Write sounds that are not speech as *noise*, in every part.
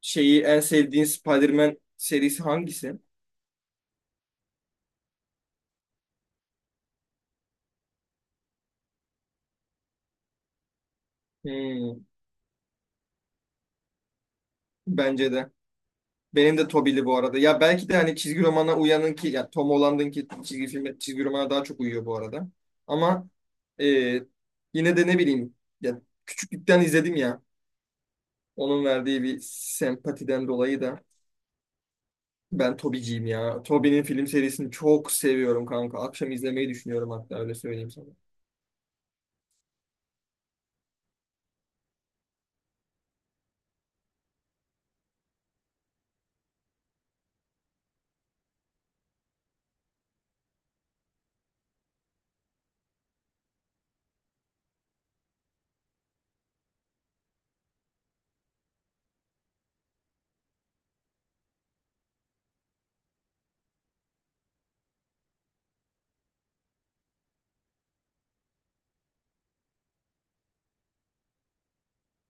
En sevdiğin Spider-Man serisi hangisi? Hmm, bence de. Benim de Tobey'li bu arada. Ya belki de hani çizgi romana uyanın ki ya Tom Holland'ın ki çizgi filme çizgi romana daha çok uyuyor bu arada. Ama e, yine de ne bileyim ya küçüklükten izledim ya. Onun verdiği bir sempatiden dolayı da ben Tobey'ciyim ya. Tobey'nin film serisini çok seviyorum kanka. Akşam izlemeyi düşünüyorum hatta öyle söyleyeyim sana.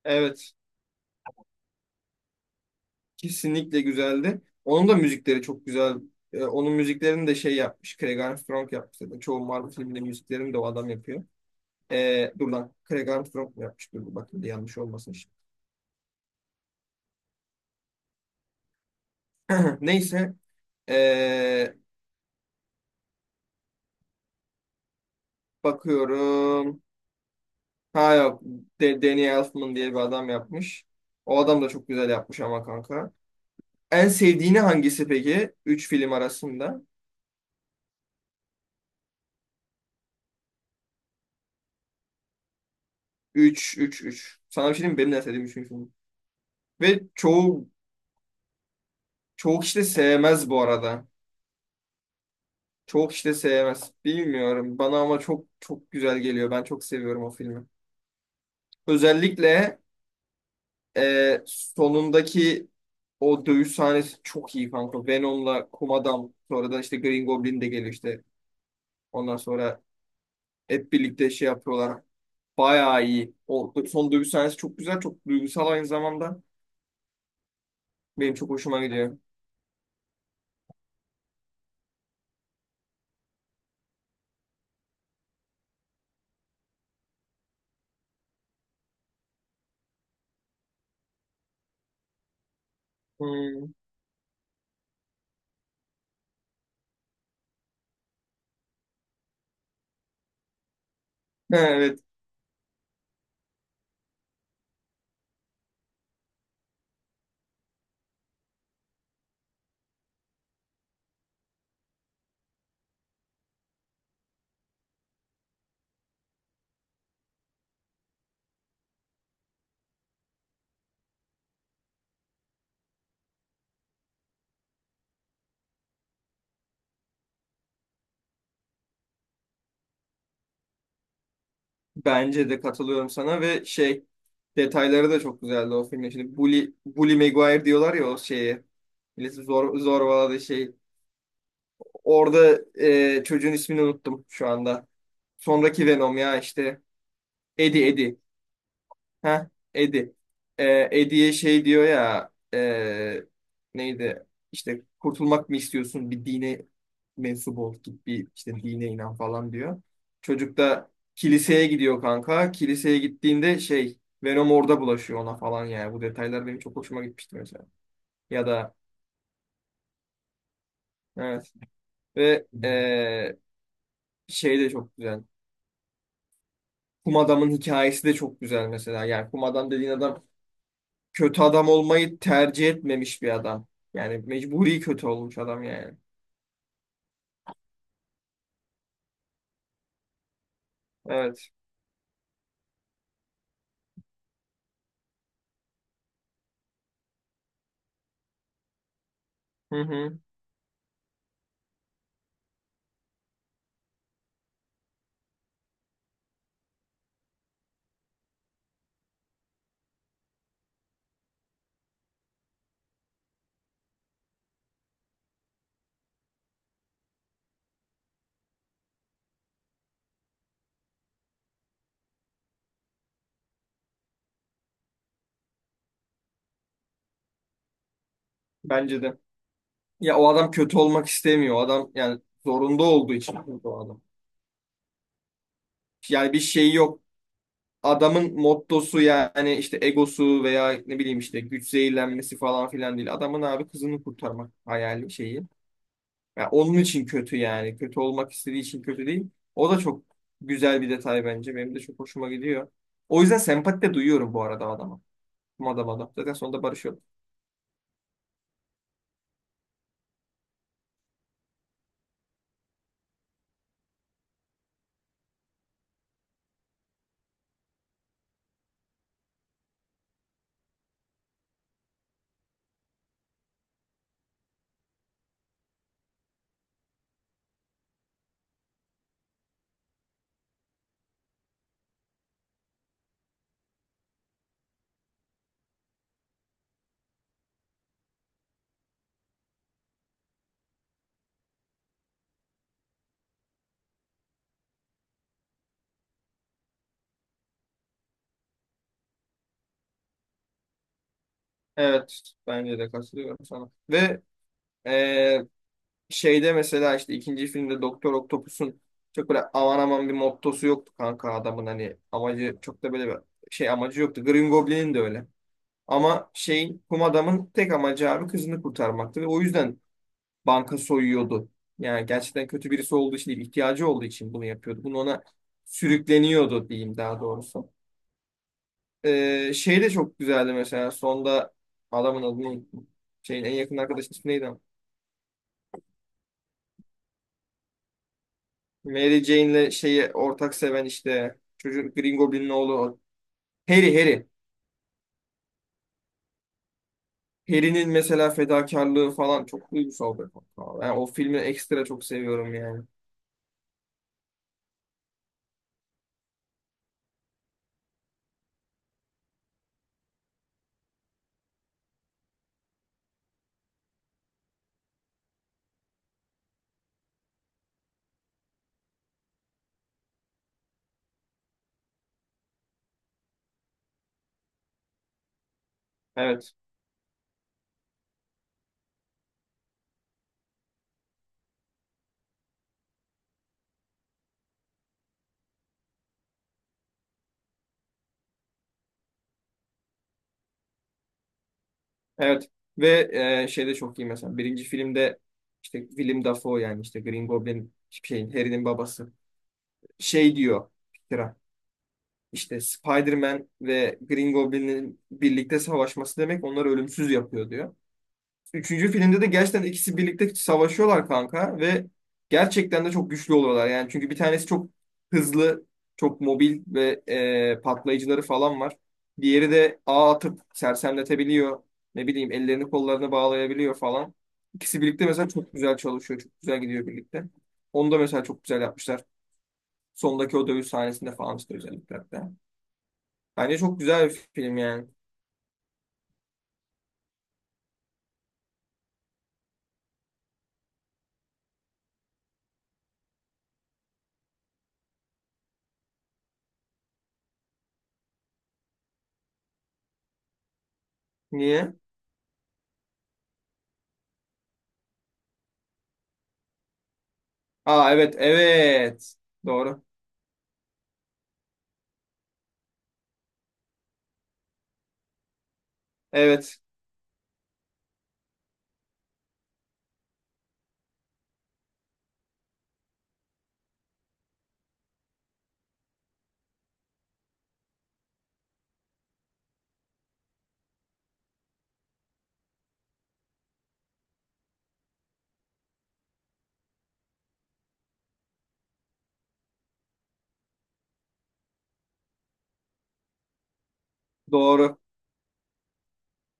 Evet. Kesinlikle güzeldi. Onun da müzikleri çok güzel. Onun müziklerini de şey yapmış. Craig Armstrong yapmış zaten. Çoğu Marvel filminde müziklerini de o adam yapıyor. Dur lan. Craig Armstrong mu yapmış? Dur bakayım da yanlış olmasın şimdi. *clears throat* Neyse. Ee, bakıyorum. Ha yok. De Danny Elfman diye bir adam yapmış. O adam da çok güzel yapmış ama kanka. En sevdiğini hangisi peki? Üç film arasında. Üç, üç, üç. Sana bir şey diyeyim mi? Benim de en sevdiğim 3 film. Ve çoğu kişi de sevmez bu arada. Çoğu kişi de sevmez. Bilmiyorum. Bana ama çok çok güzel geliyor. Ben çok seviyorum o filmi. Özellikle sonundaki o dövüş sahnesi çok iyi kanka. Venom'la Kum Adam. Sonradan işte Green Goblin de geliyor işte. Ondan sonra hep birlikte şey yapıyorlar. Bayağı iyi. O son dövüş sahnesi çok güzel. Çok duygusal aynı zamanda. Benim çok hoşuma gidiyor. Hmm. *laughs* Evet. Bence de katılıyorum sana ve şey detayları da çok güzeldi o filmin. Şimdi Bully, Bully Maguire diyorlar ya o şeyi. Milleti zor, zorbaladı şey. Orada çocuğun ismini unuttum şu anda. Sonraki Venom ya işte. Eddie. Heh, Eddie. Ee, Eddie'ye şey diyor ya neydi? İşte kurtulmak mı istiyorsun? Bir dine mensup ol. Git bir işte dine inan falan diyor. Çocuk da kiliseye gidiyor kanka. Kiliseye gittiğinde şey Venom orada bulaşıyor ona falan yani. Bu detaylar benim çok hoşuma gitmişti mesela. Ya da evet ve şey de çok güzel. Kum adamın hikayesi de çok güzel mesela. Yani kum adam dediğin adam kötü adam olmayı tercih etmemiş bir adam. Yani mecburi kötü olmuş adam yani. Evet. Hı hı. Bence de. Ya o adam kötü olmak istemiyor. O adam yani zorunda olduğu için kötü o adam. Yani bir şey yok. Adamın mottosu yani işte egosu veya ne bileyim işte güç zehirlenmesi falan filan değil. Adamın abi kızını kurtarmak hayali şeyi. Ya onun için kötü yani. Kötü olmak istediği için kötü değil. O da çok güzel bir detay bence. Benim de çok hoşuma gidiyor. O yüzden sempati de duyuyorum bu arada adama. Mada mada. Zaten sonunda barışıyor. Evet. Bence de katılıyorum sana. Ve e, şeyde mesela işte ikinci filmde Doktor Octopus'un çok böyle aman aman bir mottosu yoktu kanka adamın hani amacı çok da böyle bir şey amacı yoktu. Green Goblin'in de öyle. Ama şeyin kum adamın tek amacı abi kızını kurtarmaktı ve o yüzden banka soyuyordu. Yani gerçekten kötü birisi olduğu için değil, ihtiyacı olduğu için bunu yapıyordu. Bunu ona sürükleniyordu diyeyim daha doğrusu. Şey de çok güzeldi mesela. Sonda adamın adını unuttum. Şeyin en yakın arkadaşın ismi neydi ama? Mary Jane'le şeyi ortak seven işte çocuk Green Goblin'in oğlu o. Harry. Harry'nin mesela fedakarlığı falan çok duygusal bir konu. Yani o filmi ekstra çok seviyorum yani. Evet. Evet. Ve şey de çok iyi mesela. Birinci filmde işte Willem Dafoe yani işte Green Goblin şeyin Harry'nin babası. Şey diyor. İşte Spider-Man ve Green Goblin'in birlikte savaşması demek onları ölümsüz yapıyor diyor. Üçüncü filmde de gerçekten ikisi birlikte savaşıyorlar kanka ve gerçekten de çok güçlü oluyorlar. Yani çünkü bir tanesi çok hızlı, çok mobil ve patlayıcıları falan var. Diğeri de ağ atıp sersemletebiliyor. Ne bileyim ellerini kollarını bağlayabiliyor falan. İkisi birlikte mesela çok güzel çalışıyor. Çok güzel gidiyor birlikte. Onu da mesela çok güzel yapmışlar. Sondaki o dövüş sahnesinde falan işte özellikle. Bence çok güzel bir film yani. Niye? Aa evet evet. Doğru. Evet doğru.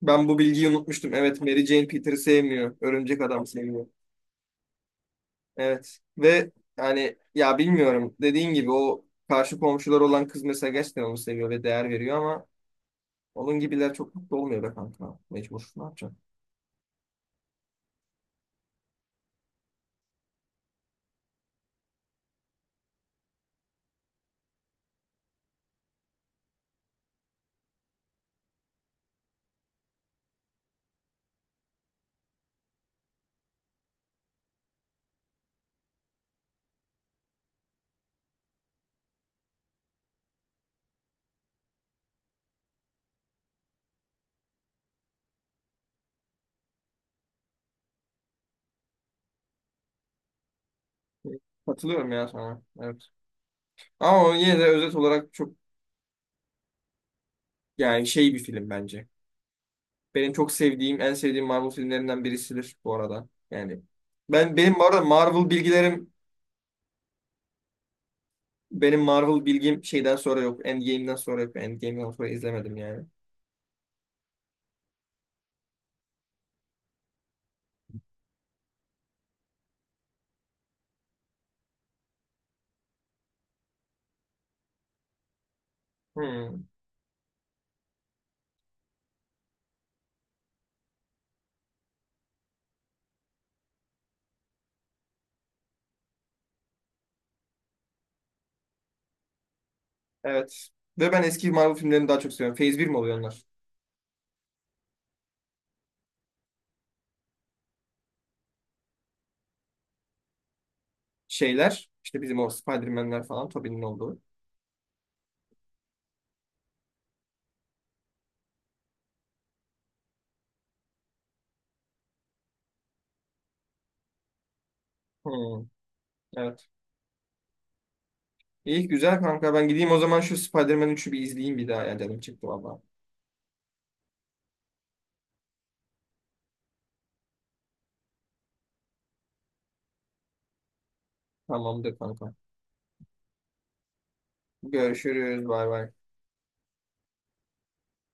Ben bu bilgiyi unutmuştum. Evet Mary Jane Peter'ı sevmiyor. Örümcek Adam seviyor. Evet. Ve yani ya bilmiyorum. Dediğin gibi o karşı komşular olan kız mesela gerçekten onu seviyor ve değer veriyor ama onun gibiler çok mutlu olmuyor be kanka. Mecbur. Ne yapacaksın? Evet. Katılıyorum ya sana. Evet. Ama o yine de özet olarak çok yani şey bir film bence. Benim çok sevdiğim, en sevdiğim Marvel filmlerinden birisidir bu arada. Yani benim bu arada Marvel bilgilerim, benim Marvel bilgim şeyden sonra yok. Endgame'den sonra yok. Endgame'den sonra izlemedim yani. Hmm, evet. Ve ben eski Marvel filmlerini daha çok seviyorum. Phase bir mi oluyor onlar? Şeyler, işte bizim o Spider-Man'ler falan, Tobey'nin olduğu. Hmm, evet. İyi güzel kanka. Ben gideyim o zaman şu Spider-Man 3'ü bir izleyeyim bir daha. Yani canım çıktı valla. Tamamdır kanka. Görüşürüz. Bay bay.